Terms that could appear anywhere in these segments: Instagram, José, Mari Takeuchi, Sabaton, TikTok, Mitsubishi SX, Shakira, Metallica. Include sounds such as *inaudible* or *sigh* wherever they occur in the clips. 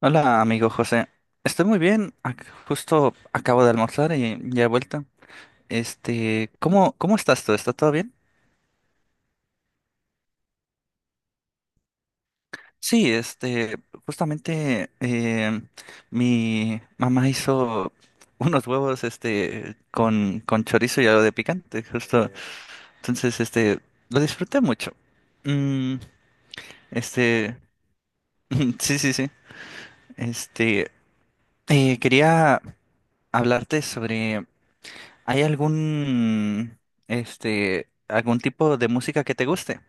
Hola, amigo José. Estoy muy bien. Justo acabo de almorzar y ya he vuelto. ¿Cómo estás tú? ¿Está todo bien? Sí, justamente mi mamá hizo *laughs* unos huevos, con chorizo y algo de picante, justo. Entonces, lo disfruté mucho. Mm, este, *laughs* sí, sí, sí. Este, quería hablarte sobre. ¿Hay algún tipo de música que te guste?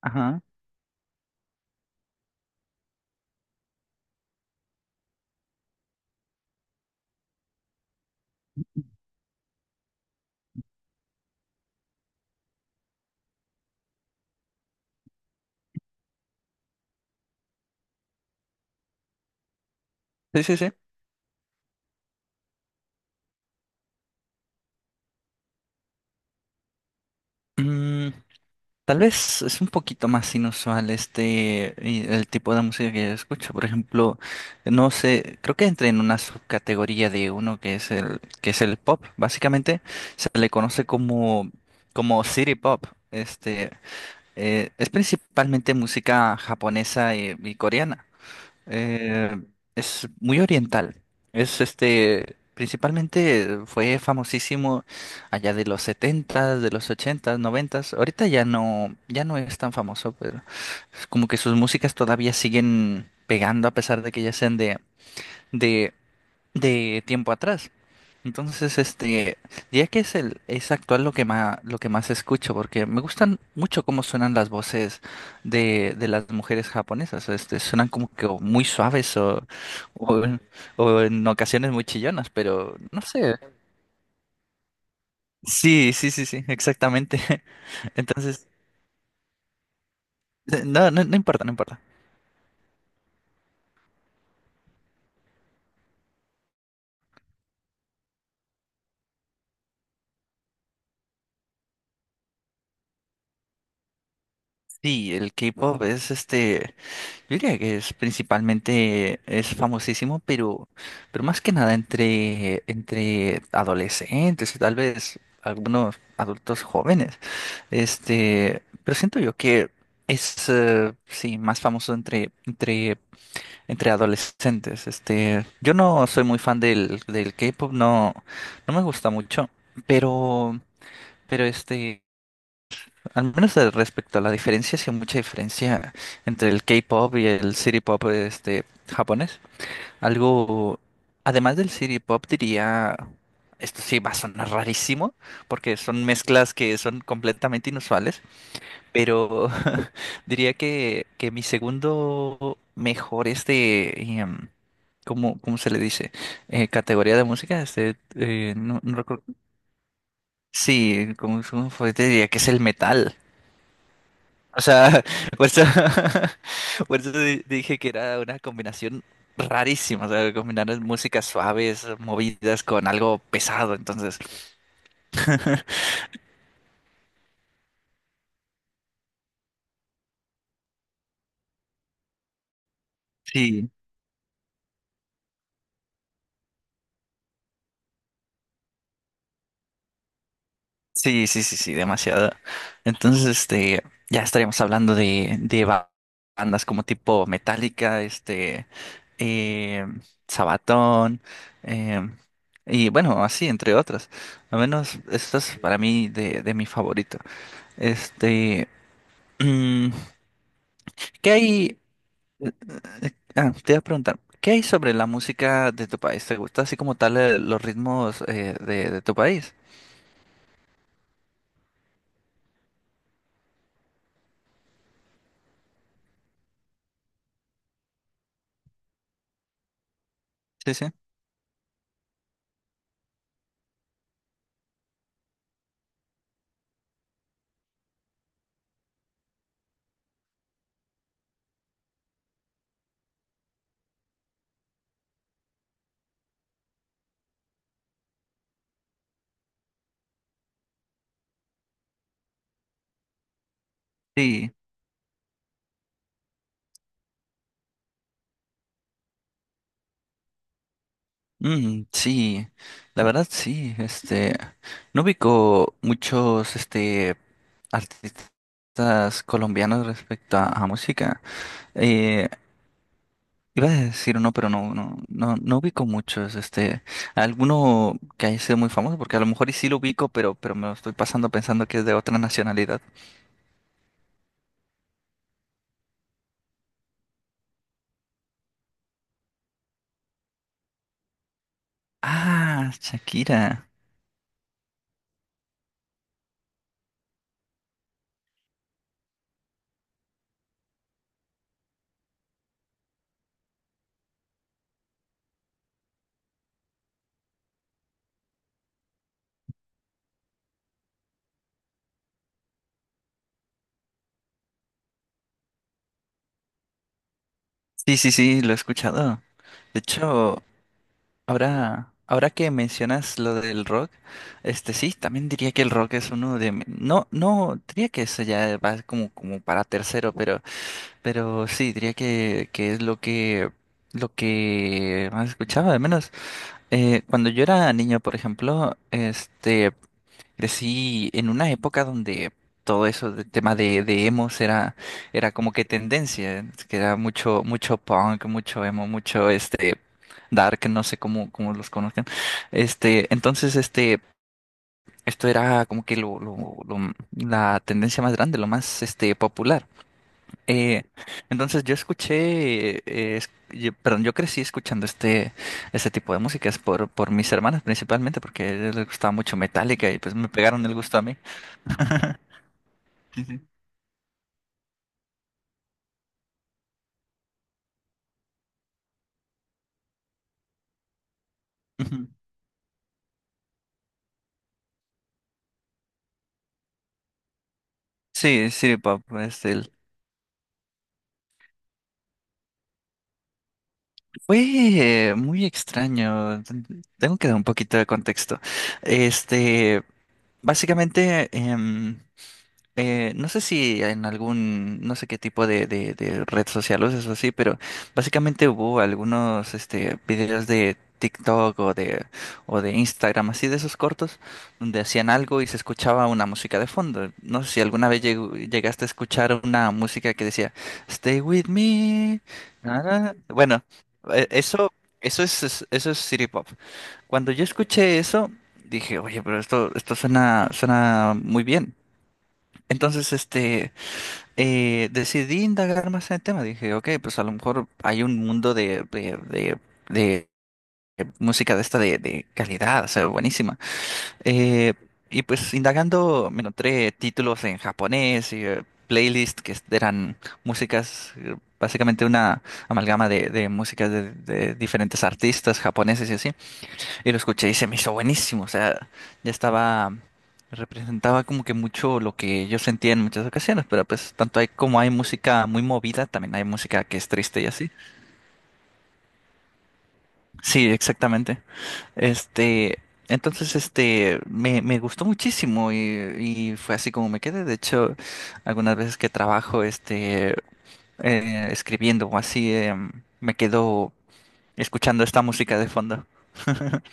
Ajá. Sí, sí, sí. Mm, tal vez es un poquito más inusual y el tipo de música que yo escucho. Por ejemplo, no sé, creo que entra en una subcategoría de uno que es el pop. Básicamente se le conoce como city pop. Este, es principalmente música japonesa y coreana. Eh, es muy oriental. Principalmente fue famosísimo allá de los setentas, de los ochentas, noventas. Ahorita ya no es tan famoso, pero es como que sus músicas todavía siguen pegando a pesar de que ya sean de de tiempo atrás. Entonces, diría que es actual lo que más escucho porque me gustan mucho cómo suenan las voces de las mujeres japonesas, suenan como que o muy suaves o en o en ocasiones muy chillonas, pero no sé. Sí, sí, sí, sí, exactamente. *laughs* Entonces, no, no, no importa, no importa. Sí, el K-pop es. Yo diría que es principalmente, es famosísimo, pero más que nada entre adolescentes y tal vez algunos adultos jóvenes. Pero siento yo que es, sí, más famoso entre adolescentes. Yo no soy muy fan del K-pop, no, no me gusta mucho, pero, pero. Al menos respecto a la diferencia, sí hay mucha diferencia entre el K-pop y el city pop japonés. Algo, además del city pop, diría, esto sí va a sonar rarísimo, porque son mezclas que son completamente inusuales, pero *laughs* diría que mi segundo mejor ¿cómo se le dice? Categoría de música, no, no recuerdo. Sí, como fue, te diría que es el metal. O sea, *laughs* por eso, *laughs* por eso dije que era una combinación rarísima, o sea, combinar músicas suaves, movidas con algo pesado, entonces, sí, sí, sí, sí, sí, demasiado. Entonces, ya estaríamos hablando de, bandas como tipo Metallica, eh, Sabaton, eh, y bueno, así, entre otras. Al menos, esto es para mí de mi favorito. Este, mm, ¿Qué hay? Ah, te iba a preguntar, ¿qué hay sobre la música de tu país? ¿Te gusta así como tal los ritmos de tu país? Sí, sí. Sí, sí, la verdad sí, no ubico muchos, artistas colombianos respecto a música. Eh, iba a decir uno, pero no, no, no, no ubico muchos, alguno que haya sido muy famoso, porque a lo mejor y sí lo ubico, pero me lo estoy pasando pensando que es de otra nacionalidad. Ah, Shakira. Sí, sí, sí, lo he escuchado. De hecho, ahora que mencionas lo del rock, sí, también diría que el rock es uno no, no, diría que eso ya va como, como para tercero, pero sí, diría que es lo que más escuchaba, al menos. Cuando yo era niño, por ejemplo, Crecí en una época donde todo eso de tema de emos era como que tendencia, ¿eh? Que era mucho, mucho punk, mucho emo, mucho dark, no sé cómo los conozcan. Este, entonces, este, esto era como que la tendencia más grande, lo más popular. Eh, entonces yo escuché, perdón, yo crecí escuchando este tipo de músicas por mis hermanas principalmente, porque a ellas les gustaba mucho Metallica y pues me pegaron el gusto a mí. *laughs* Ujú. Sí, Ujú. Sí, City Pop, fue muy extraño. Tengo que dar un poquito de contexto. Este, básicamente, no sé si en no sé qué tipo de red social uses o así, pero básicamente hubo algunos videos de TikTok o de Instagram, así de esos cortos, donde hacían algo y se escuchaba una música de fondo. No sé si alguna vez llegaste a escuchar una música que decía, Stay with me. Na, na, na". Bueno, eh, eso, eso es City Pop. Cuando yo escuché eso, dije, oye, pero esto suena, suena muy bien. Entonces, decidí indagar más en el tema. Dije, ok, pues a lo mejor hay un mundo de música de esta de calidad, o sea, buenísima. Eh, y pues indagando me encontré títulos en japonés y playlists que eran músicas, básicamente una amalgama de músicas de diferentes artistas japoneses y así. Y lo escuché y se me hizo buenísimo. O sea, ya estaba, representaba como que mucho lo que yo sentía en muchas ocasiones, pero pues tanto hay como hay música muy movida, también hay música que es triste y así. Sí, exactamente. Este, me gustó muchísimo y fue así como me quedé. De hecho, algunas veces que trabajo, escribiendo o así, me quedo escuchando esta música de fondo. *laughs*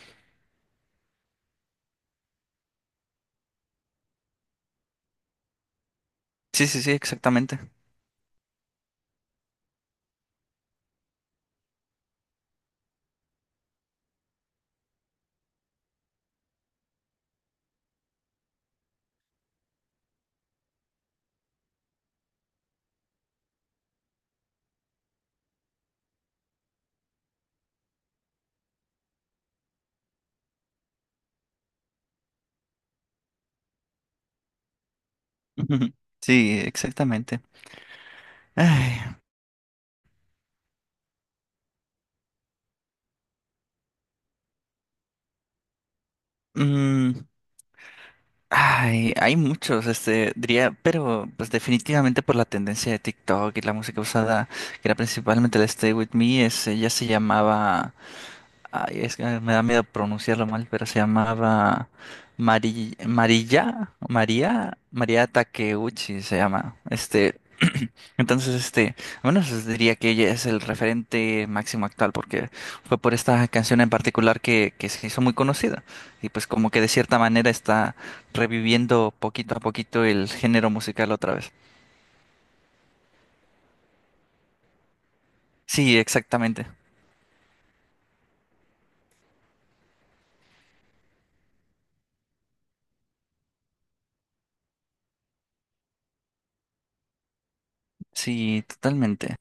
Sí, sí, sí, exactamente. Ujú. Sí, exactamente. Ay, mm, ay, hay muchos, diría, pero pues definitivamente por la tendencia de TikTok y la música usada, que era principalmente el Stay With Me, ese ya se llamaba, ay, es que me da miedo pronunciarlo mal, pero se llamaba María Takeuchi se llama. Entonces, bueno, diría que ella es el referente máximo actual porque fue por esta canción en particular que se hizo muy conocida y pues como que de cierta manera está reviviendo poquito a poquito el género musical otra vez. Sí, exactamente. Sí, totalmente.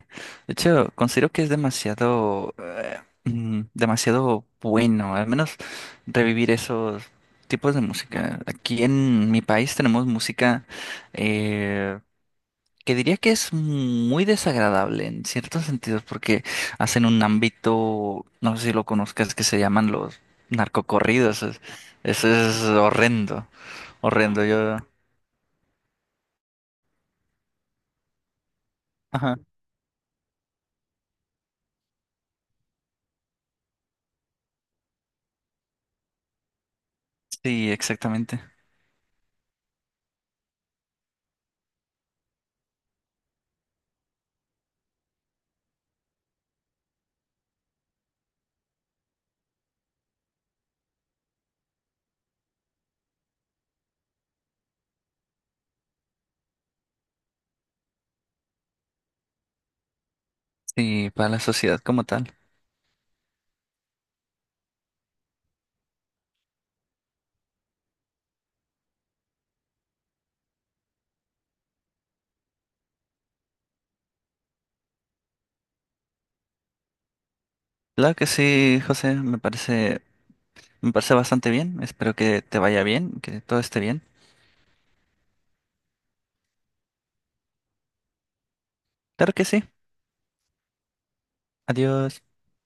De hecho, considero que es demasiado bueno, al menos revivir esos tipos de música. Aquí en mi país tenemos música eh, que diría que es muy desagradable en ciertos sentidos porque hacen un ámbito, no sé si lo conozcas, que se llaman los narcocorridos. Eso es horrendo, horrendo. Ajá, sí, exactamente. Sí, para la sociedad como tal. Claro que sí, José, me parece bastante bien. Espero que te vaya bien, que todo esté bien. Claro que sí. Adiós.